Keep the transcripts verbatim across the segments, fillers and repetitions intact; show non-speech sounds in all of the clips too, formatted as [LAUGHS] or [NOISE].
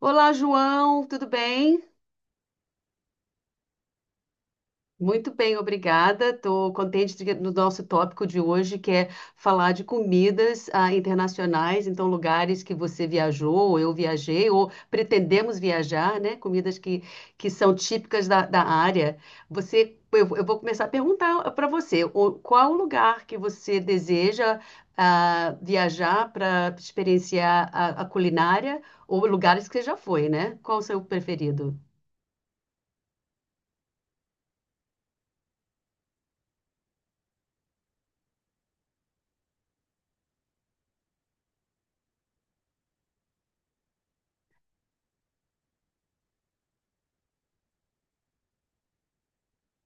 Olá, João, tudo bem? Muito bem, obrigada. Estou contente de- do nosso tópico de hoje, que é falar de comidas ah, internacionais, então lugares que você viajou, ou eu viajei, ou pretendemos viajar, né? Comidas que, que são típicas da, da área. Você, eu, eu vou começar a perguntar para você, o- qual o lugar que você deseja ah, viajar para experienciar a, a culinária, ou lugares que você já foi, né? Qual o seu preferido?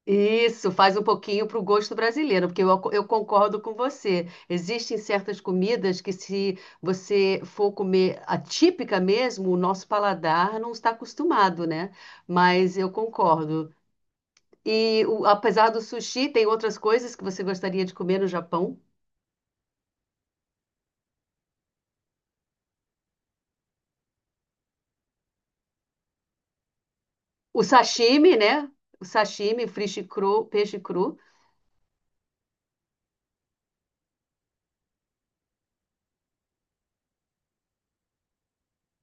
Isso, faz um pouquinho para o gosto brasileiro, porque eu, ac- eu concordo com você. Existem certas comidas que, se você for comer a típica mesmo, o nosso paladar não está acostumado, né? Mas eu concordo. E o- apesar do sushi, tem outras coisas que você gostaria de comer no Japão? O sashimi, né? O sashimi, peixe cru, peixe cru.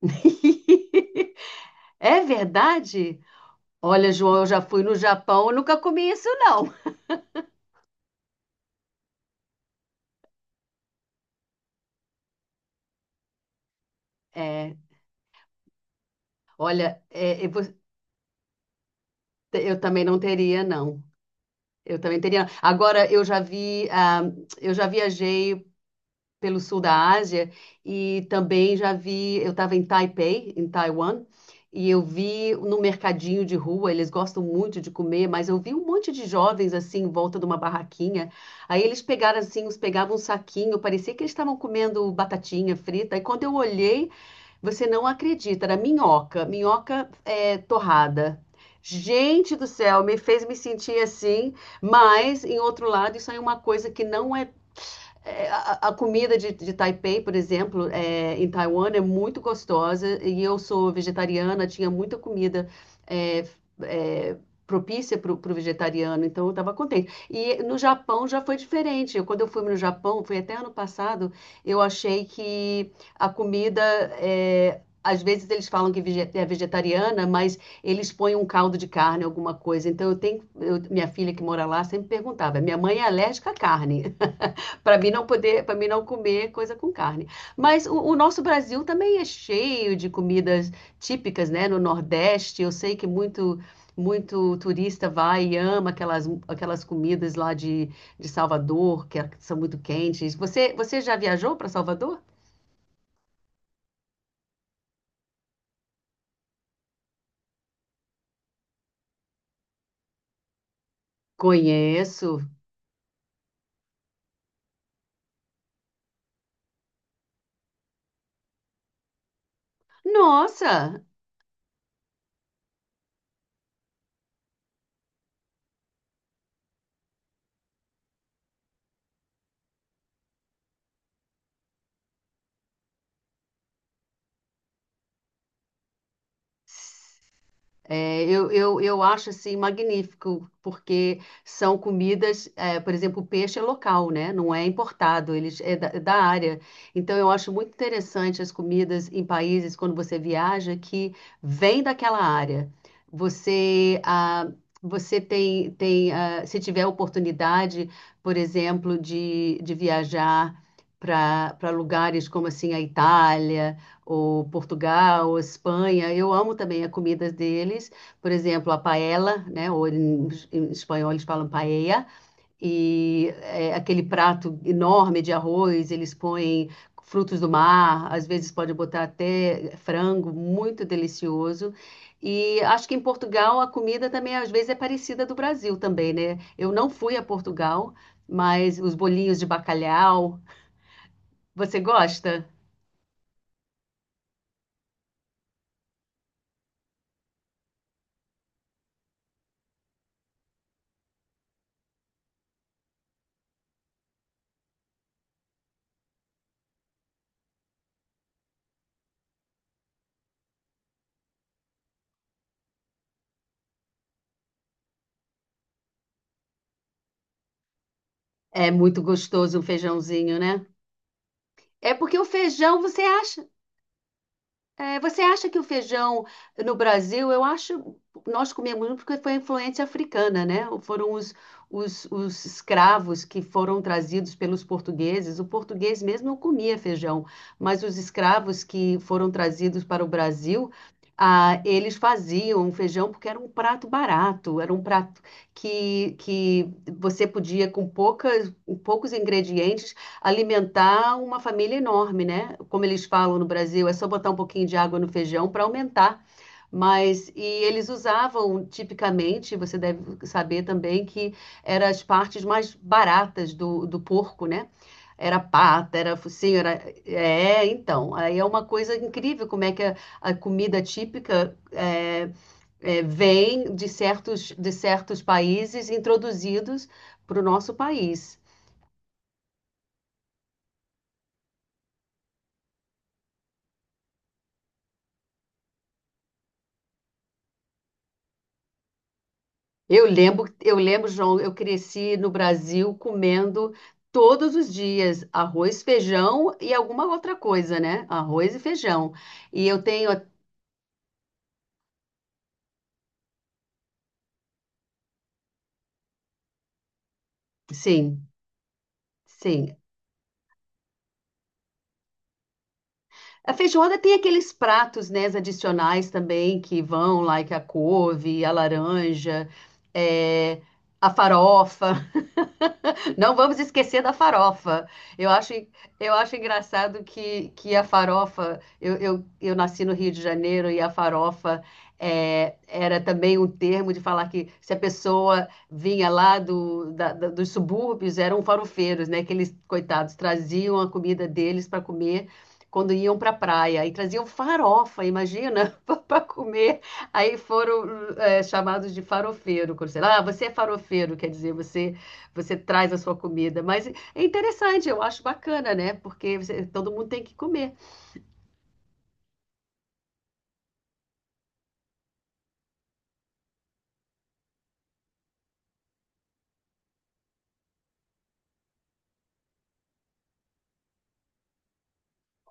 [LAUGHS] É verdade? Olha, João, eu já fui no Japão, eu nunca comi isso, não. É, olha, é, eu vou- eu também não teria, não. Eu também teria. Não. Agora, eu já vi, ah, eu já viajei pelo sul da Ásia e também já vi. Eu estava em Taipei, em Taiwan, e eu vi no mercadinho de rua. Eles gostam muito de comer, mas eu vi um monte de jovens assim em volta de uma barraquinha. Aí eles pegaram assim, uns pegavam um saquinho, parecia que eles estavam comendo batatinha frita. E quando eu olhei, você não acredita, era minhoca, minhoca é, torrada. Gente do céu, me fez me sentir assim, mas, em outro lado, isso é uma coisa que não é é, a, A comida de, de Taipei, por exemplo, é, em Taiwan é muito gostosa e eu sou vegetariana, tinha muita comida é, é, propícia para o pro vegetariano, então eu estava contente. E no Japão já foi diferente. Eu, quando eu fui no Japão, foi até ano passado, eu achei que a comida é, às vezes eles falam que vege- é vegetariana, mas eles põem um caldo de carne, alguma coisa. Então eu tenho, eu- minha filha que mora lá sempre perguntava: minha mãe é alérgica à carne? Para mim não poder, para mim não comer coisa com carne. Mas o, o nosso Brasil também é cheio de comidas típicas, né? No Nordeste, eu sei que muito muito turista vai e ama aquelas, aquelas comidas lá de, de Salvador, que é- são muito quentes. Você, você já viajou para Salvador? Conheço. Nossa! É, eu, eu, eu acho assim magnífico, porque são comidas, é, por exemplo, o peixe é local, né? Não é importado, eles é da, é da área. Então eu acho muito interessante as comidas em países quando você viaja que vem daquela área. Você ah, você tem, tem ah, se tiver oportunidade, por exemplo, de, de viajar para para lugares como assim a Itália ou Portugal, ou Espanha. Eu amo também a comida deles, por exemplo, a paella, né? Ou em, em espanhol eles falam paella, e é aquele prato enorme de arroz, eles põem frutos do mar, às vezes pode botar até frango, muito delicioso. E acho que em Portugal a comida também às vezes é parecida do Brasil também, né? Eu não fui a Portugal, mas os bolinhos de bacalhau, você gosta? É muito gostoso um feijãozinho, né? É porque o feijão, você acha, é, você acha que o feijão no Brasil, eu acho, nós comemos muito porque foi a influência africana, né? Foram os, os, os escravos que foram trazidos pelos portugueses. O português mesmo não comia feijão, mas os escravos que foram trazidos para o Brasil, ah, eles faziam um feijão porque era um prato barato, era um prato que, que você podia, com poucas, com poucos ingredientes, alimentar uma família enorme, né? Como eles falam no Brasil, é só botar um pouquinho de água no feijão para aumentar. Mas e eles usavam tipicamente, você deve saber também que eram as partes mais baratas do, do porco, né? Era pata, era focinho, era. É, então. Aí é uma coisa incrível como é que a, a comida típica é, é, vem de certos, de certos países introduzidos para o nosso país. Eu lembro, eu lembro, João, eu cresci no Brasil comendo todos os dias arroz, feijão e alguma outra coisa, né? Arroz e feijão. E eu tenho, a- sim, sim. A feijoada tem aqueles pratos, né, adicionais também que vão, like a couve, a laranja, é, a farofa. Não vamos esquecer da farofa. Eu acho, eu acho engraçado que, que a farofa. Eu, eu, eu nasci no Rio de Janeiro e a farofa é, era também um termo de falar que se a pessoa vinha lá do, da- da- dos subúrbios, eram farofeiros, né? Que eles, coitados, traziam a comida deles para comer. Quando iam para a praia e traziam farofa, imagina, [LAUGHS] para comer. Aí foram eh, chamados de farofeiro. Quando, sei lá, "Ah, você é farofeiro, quer dizer, você você traz a sua comida. Mas é interessante, eu acho bacana, né? Porque você- todo mundo tem que comer.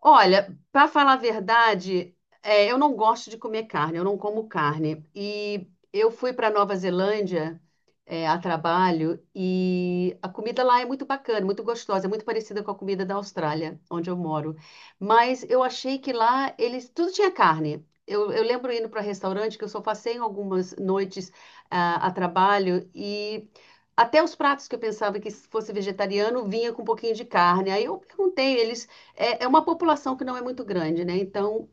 Olha, para falar a verdade, é, eu não gosto de comer carne, eu não como carne. E eu fui para Nova Zelândia. É, a trabalho e a comida lá é muito bacana, muito gostosa, é muito parecida com a comida da Austrália, onde eu moro. Mas eu achei que lá eles tudo tinha carne. Eu, eu lembro indo para restaurante que eu só passei em algumas noites ah, a trabalho e até os pratos que eu pensava que fosse vegetariano vinha com um pouquinho de carne. Aí eu perguntei, eles é, é uma população que não é muito grande, né? Então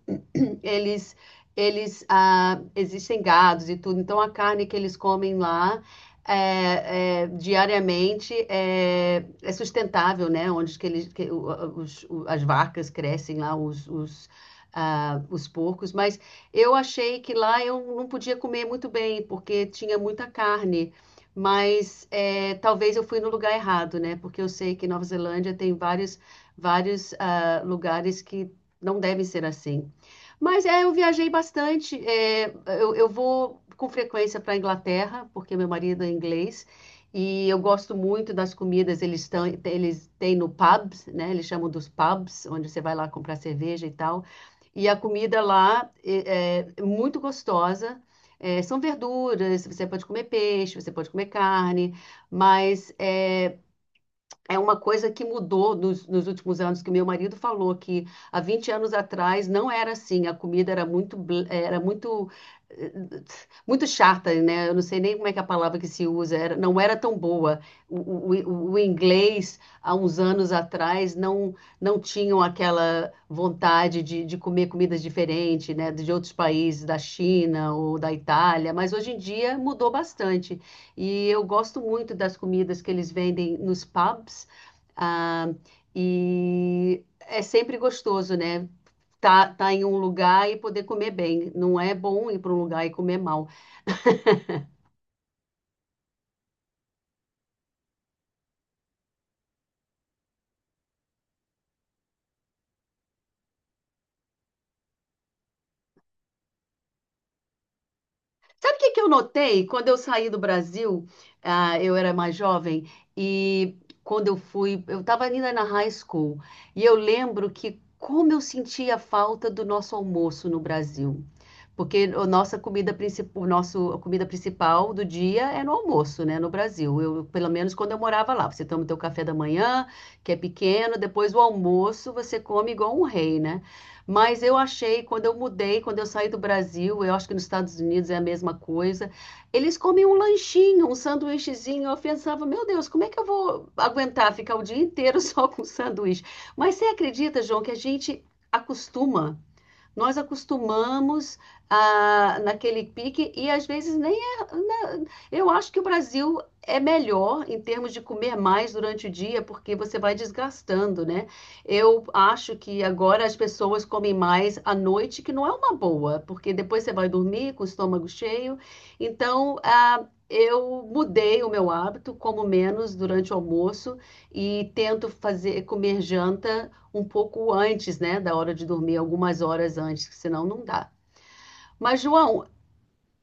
eles, eles ah, existem gados e tudo, então a carne que eles comem lá é, é, diariamente é, é sustentável, né? Onde que eles, que, o- os, o- as vacas crescem lá, os, os, ah, os porcos, mas eu achei que lá eu não podia comer muito bem, porque tinha muita carne. Mas é, talvez eu fui no lugar errado, né? Porque eu sei que Nova Zelândia tem vários, vários ah, lugares que não devem ser assim. Mas é, eu viajei bastante. é, eu, eu vou com frequência para a Inglaterra, porque meu marido é inglês, e eu gosto muito das comidas. Eles estão, eles têm no pubs, né? Eles chamam dos pubs, onde você vai lá comprar cerveja e tal. E a comida lá é, é muito gostosa. É, são verduras, você pode comer peixe, você pode comer carne, mas é, é uma coisa que mudou nos, nos últimos anos, que o meu marido falou que há vinte anos atrás não era assim, a comida era muito, bl- era muito, eh, muito chata, né? Eu não sei nem como é que é a palavra que se usa, era, não era tão boa. O, o, o o inglês, há uns anos atrás, não, não tinham aquela vontade de, de comer comidas diferentes, né? De outros países, da China ou da Itália, mas hoje em dia mudou bastante. E eu gosto muito das comidas que eles vendem nos pubs. ah, e é sempre gostoso, né? Tá, tá em um lugar e poder comer bem. Não é bom ir para um lugar e comer mal. Sabe o que que eu notei quando eu saí do Brasil? Ah, eu era mais jovem e quando eu fui, eu estava ainda na high school e eu lembro que como eu sentia falta do nosso almoço no Brasil, porque a nossa comida principal, o nosso a comida principal do dia é no almoço, né, no Brasil. Eu, pelo menos quando eu morava lá, você toma o teu café da manhã, que é pequeno, depois o almoço você come igual um rei, né? Mas eu achei, quando eu mudei, quando eu saí do Brasil, eu acho que nos Estados Unidos é a mesma coisa. Eles comem um lanchinho, um sanduíchezinho. Eu pensava, meu Deus, como é que eu vou aguentar ficar o dia inteiro [LAUGHS] só com sanduíche? Mas você acredita, João, que a gente acostuma nós acostumamos a, naquele pique e às vezes nem é. Na- eu acho que o Brasil é melhor em termos de comer mais durante o dia, porque você vai desgastando, né? Eu acho que agora as pessoas comem mais à noite, que não é uma boa, porque depois você vai dormir com o estômago cheio. Então, ah, eu mudei o meu hábito, como menos durante o almoço e tento fazer comer janta um pouco antes, né, da hora de dormir, algumas horas antes, senão não dá. Mas, João,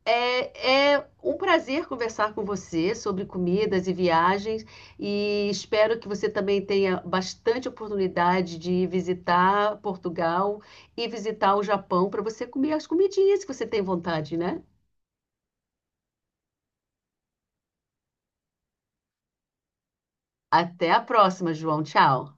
é, é um prazer conversar com você sobre comidas e viagens e espero que você também tenha bastante oportunidade de visitar Portugal e visitar o Japão para você comer as comidinhas que você tem vontade, né? Até a próxima, João. Tchau.